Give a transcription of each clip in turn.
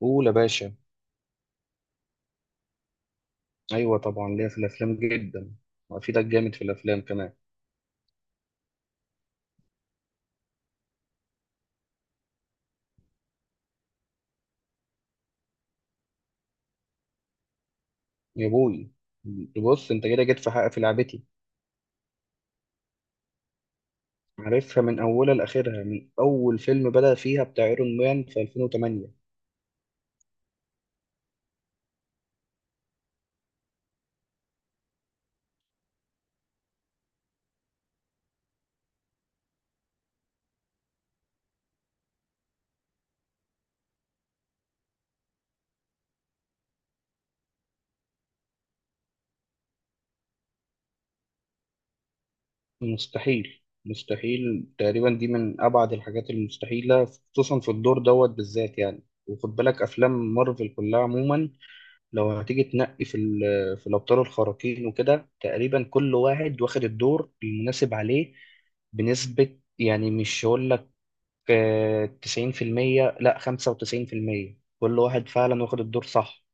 قول يا باشا. ايوه طبعا ليا في الافلام جدا، وافيدك جامد في الافلام كمان. يا بوي، بص انت كده جيت في حق في لعبتي. عارفها من اولها لاخرها، من اول فيلم بدأ فيها بتاع ايرون مان في 2008. مستحيل تقريبا، دي من ابعد الحاجات المستحيله، خصوصا في الدور دوت بالذات يعني. وخد بالك افلام مارفل كلها عموما، لو هتيجي تنقي في في الابطال الخارقين وكده، تقريبا كل واحد واخد الدور المناسب عليه بنسبة، يعني مش هقول لك، تسعين في المية، لا خمسة وتسعين في المية. كل واحد فعلا واخد الدور صح.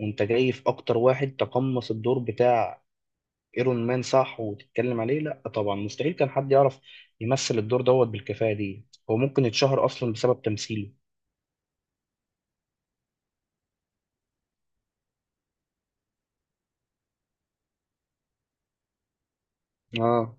وانت جاي في اكتر واحد تقمص الدور بتاع ايرون مان صح وتتكلم عليه. لا طبعا مستحيل كان حد يعرف يمثل الدور دوت بالكفاءة دي. هو ممكن يتشهر اصلا بسبب تمثيله. اه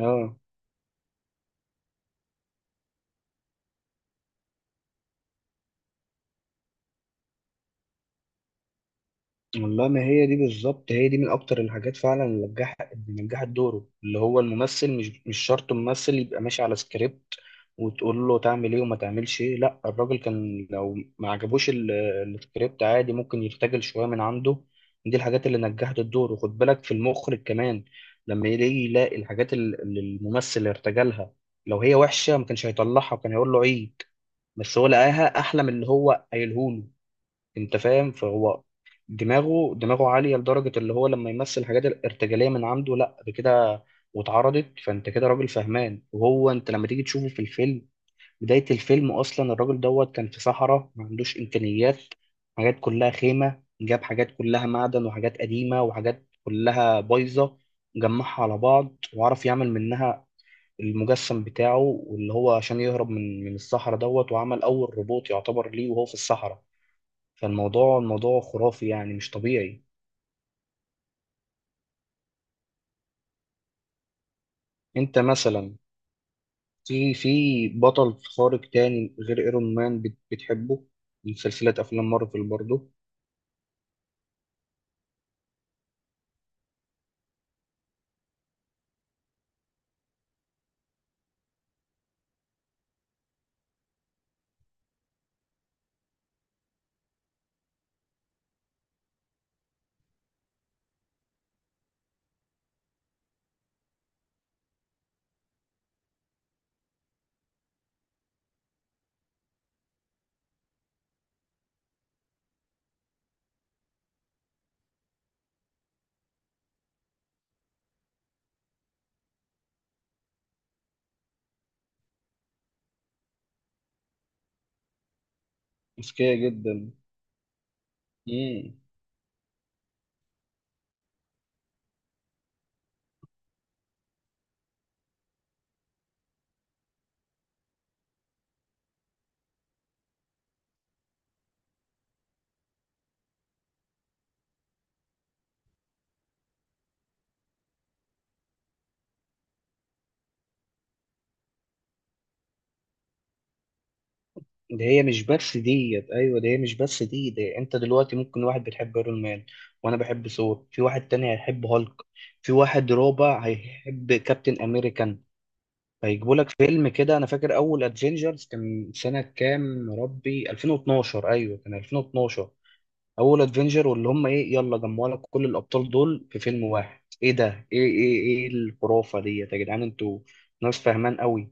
اه، والله ما هي دي بالظبط، هي دي من اكتر الحاجات فعلا اللي نجحت، اللي نجحت دوره. اللي هو الممثل مش شرط ممثل يبقى ماشي على سكريبت وتقول له تعمل ايه وما تعملش ايه. لا الراجل كان لو ما عجبوش السكريبت عادي ممكن يرتجل شويه من عنده. دي الحاجات اللي نجحت الدور. وخد بالك في المخرج كمان، لما يلاقي يلاقي الحاجات اللي الممثل ارتجلها، لو هي وحشه ما كانش هيطلعها وكان هيقول له عيد، بس هو لقاها احلى من اللي هو قايله له. انت فاهم؟ فهو دماغه عالية لدرجة اللي هو لما يمثل حاجات الارتجالية من عنده، لا ده كده واتعرضت. فانت كده راجل فهمان، وهو انت لما تيجي تشوفه في الفيلم، بداية الفيلم اصلا الراجل دوت كان في صحراء ما عندوش امكانيات، حاجات كلها خيمة، جاب حاجات كلها معدن وحاجات قديمة وحاجات كلها بايظة، جمعها على بعض وعرف يعمل منها المجسم بتاعه، واللي هو عشان يهرب من الصحراء دوت، وعمل أول روبوت يعتبر ليه وهو في الصحراء. فالموضوع خرافي يعني مش طبيعي. انت مثلا في بطل خارق تاني غير ايرون مان بتحبه من سلسلة افلام مارفل برضه؟ اذكياء جدا. امم. ده هي مش بس ديت، ايوه ده هي مش بس دي. ده انت دلوقتي ممكن واحد بتحب ايرون مان، وانا بحب ثور، في واحد تاني هيحب هالك، في واحد رابع هيحب كابتن امريكان، هيجيبوا لك فيلم كده. انا فاكر اول ادفنجرز كان سنة كام يا ربي؟ 2012، ايوه كان 2012. اول ادفنجر، واللي هم ايه، يلا جمعوا لك كل الابطال دول في فيلم واحد. ايه ده؟ ايه ايه ايه الخرافه ديت؟ يا جدعان انتوا ناس فاهمان قوي.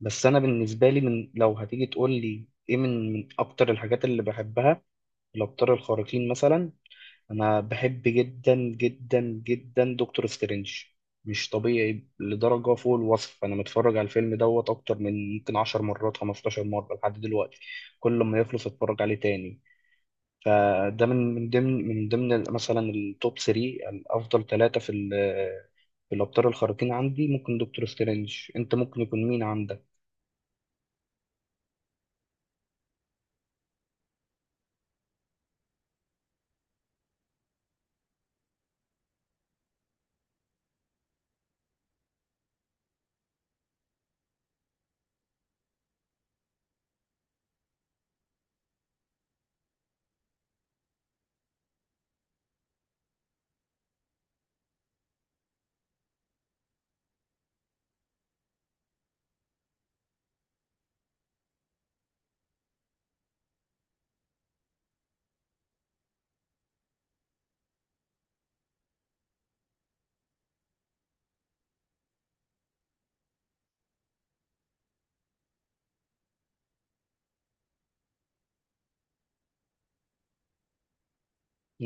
بس انا بالنسبه لي، من لو هتيجي تقول لي ايه من من اكتر الحاجات اللي بحبها الابطال الخارقين مثلا، انا بحب جدا جدا جدا دكتور سترينج. مش طبيعي لدرجه فوق الوصف. انا متفرج على الفيلم دوت اكتر من يمكن 10 مرات 15 مره لحد دلوقتي. كل ما يخلص اتفرج عليه تاني. فده من من ضمن من ضمن مثلا التوب 3 الافضل، ثلاثه في في الابطال الخارقين عندي. ممكن دكتور سترينج، انت ممكن يكون مين عندك؟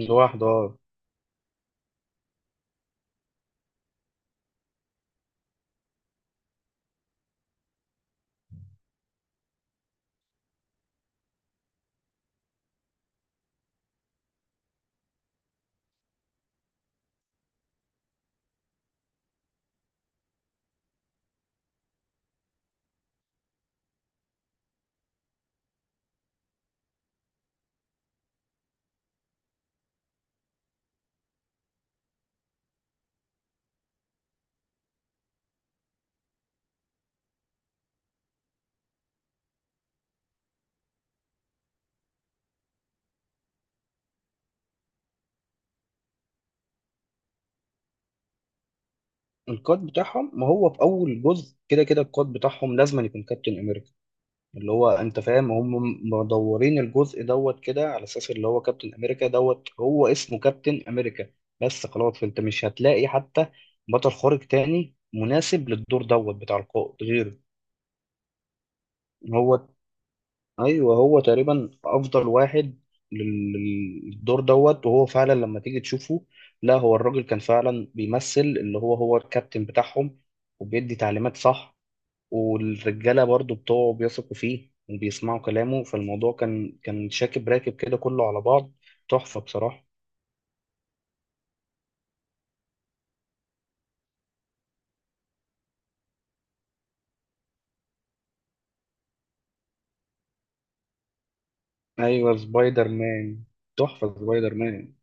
لوحده اه. القائد بتاعهم؟ ما هو في اول جزء كده القائد بتاعهم لازم يكون كابتن امريكا. اللي هو انت فاهم، هم مدورين الجزء دوت كده على اساس اللي هو كابتن امريكا دوت هو اسمه كابتن امريكا. بس خلاص انت مش هتلاقي حتى بطل خارق تاني مناسب للدور دوت بتاع القائد غيره. هو، ايوه هو تقريبا افضل واحد لل- للدور دوت. وهو فعلا لما تيجي تشوفه، لا هو الراجل كان فعلا بيمثل اللي هو هو الكابتن بتاعهم وبيدي تعليمات صح. والرجاله برضو بتوعه بيثقوا فيه وبيسمعوا كلامه. فالموضوع كان شاكب راكب كده كله على بعض. تحفه بصراحه. ايوه سبايدر مان، تحفه سبايدر مان.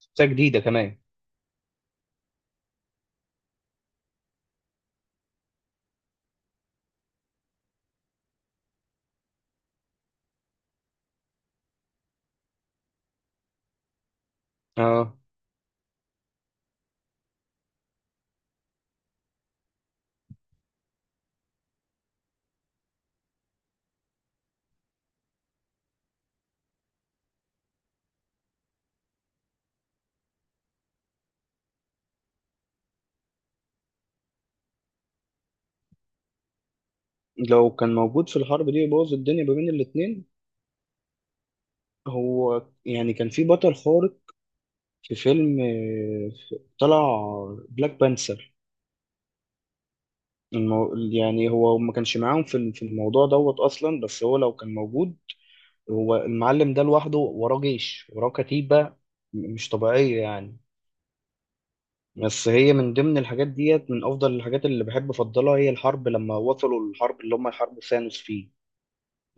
شخصيه جديده كمان اه. لو كان موجود في الحرب دي يبوظ الدنيا ما بين الاتنين. هو يعني كان في بطل خارق في فيلم، طلع بلاك بانثر. المو... يعني هو ما كانش معاهم في في الموضوع دوت اصلا، بس هو لو كان موجود، هو المعلم ده لوحده وراه جيش وراه كتيبة مش طبيعية يعني. بس هي من ضمن الحاجات ديت، من افضل الحاجات اللي بحب افضلها هي الحرب لما وصلوا الحرب اللي هم حرب ثانوس فيه.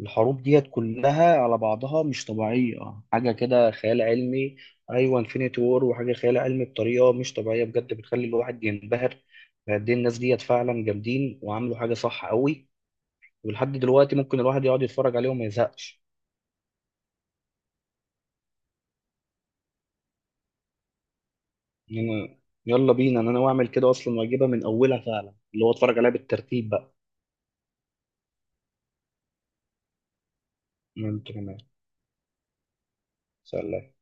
الحروب ديت كلها على بعضها مش طبيعية، حاجة كده خيال علمي. أيوة انفينيتي وور، وحاجة خيال علمي بطريقة مش طبيعية بجد، بتخلي الواحد ينبهر قد إيه الناس ديت فعلا جامدين وعملوا حاجة صح قوي. ولحد دلوقتي ممكن الواحد يقعد يتفرج عليه وما يزهقش يعني. يلا بينا، أنا ناوي أعمل كده أصلا وأجيبها من أولها فعلا، اللي هو أتفرج عليها بالترتيب بقى. أنت كمان، سلام.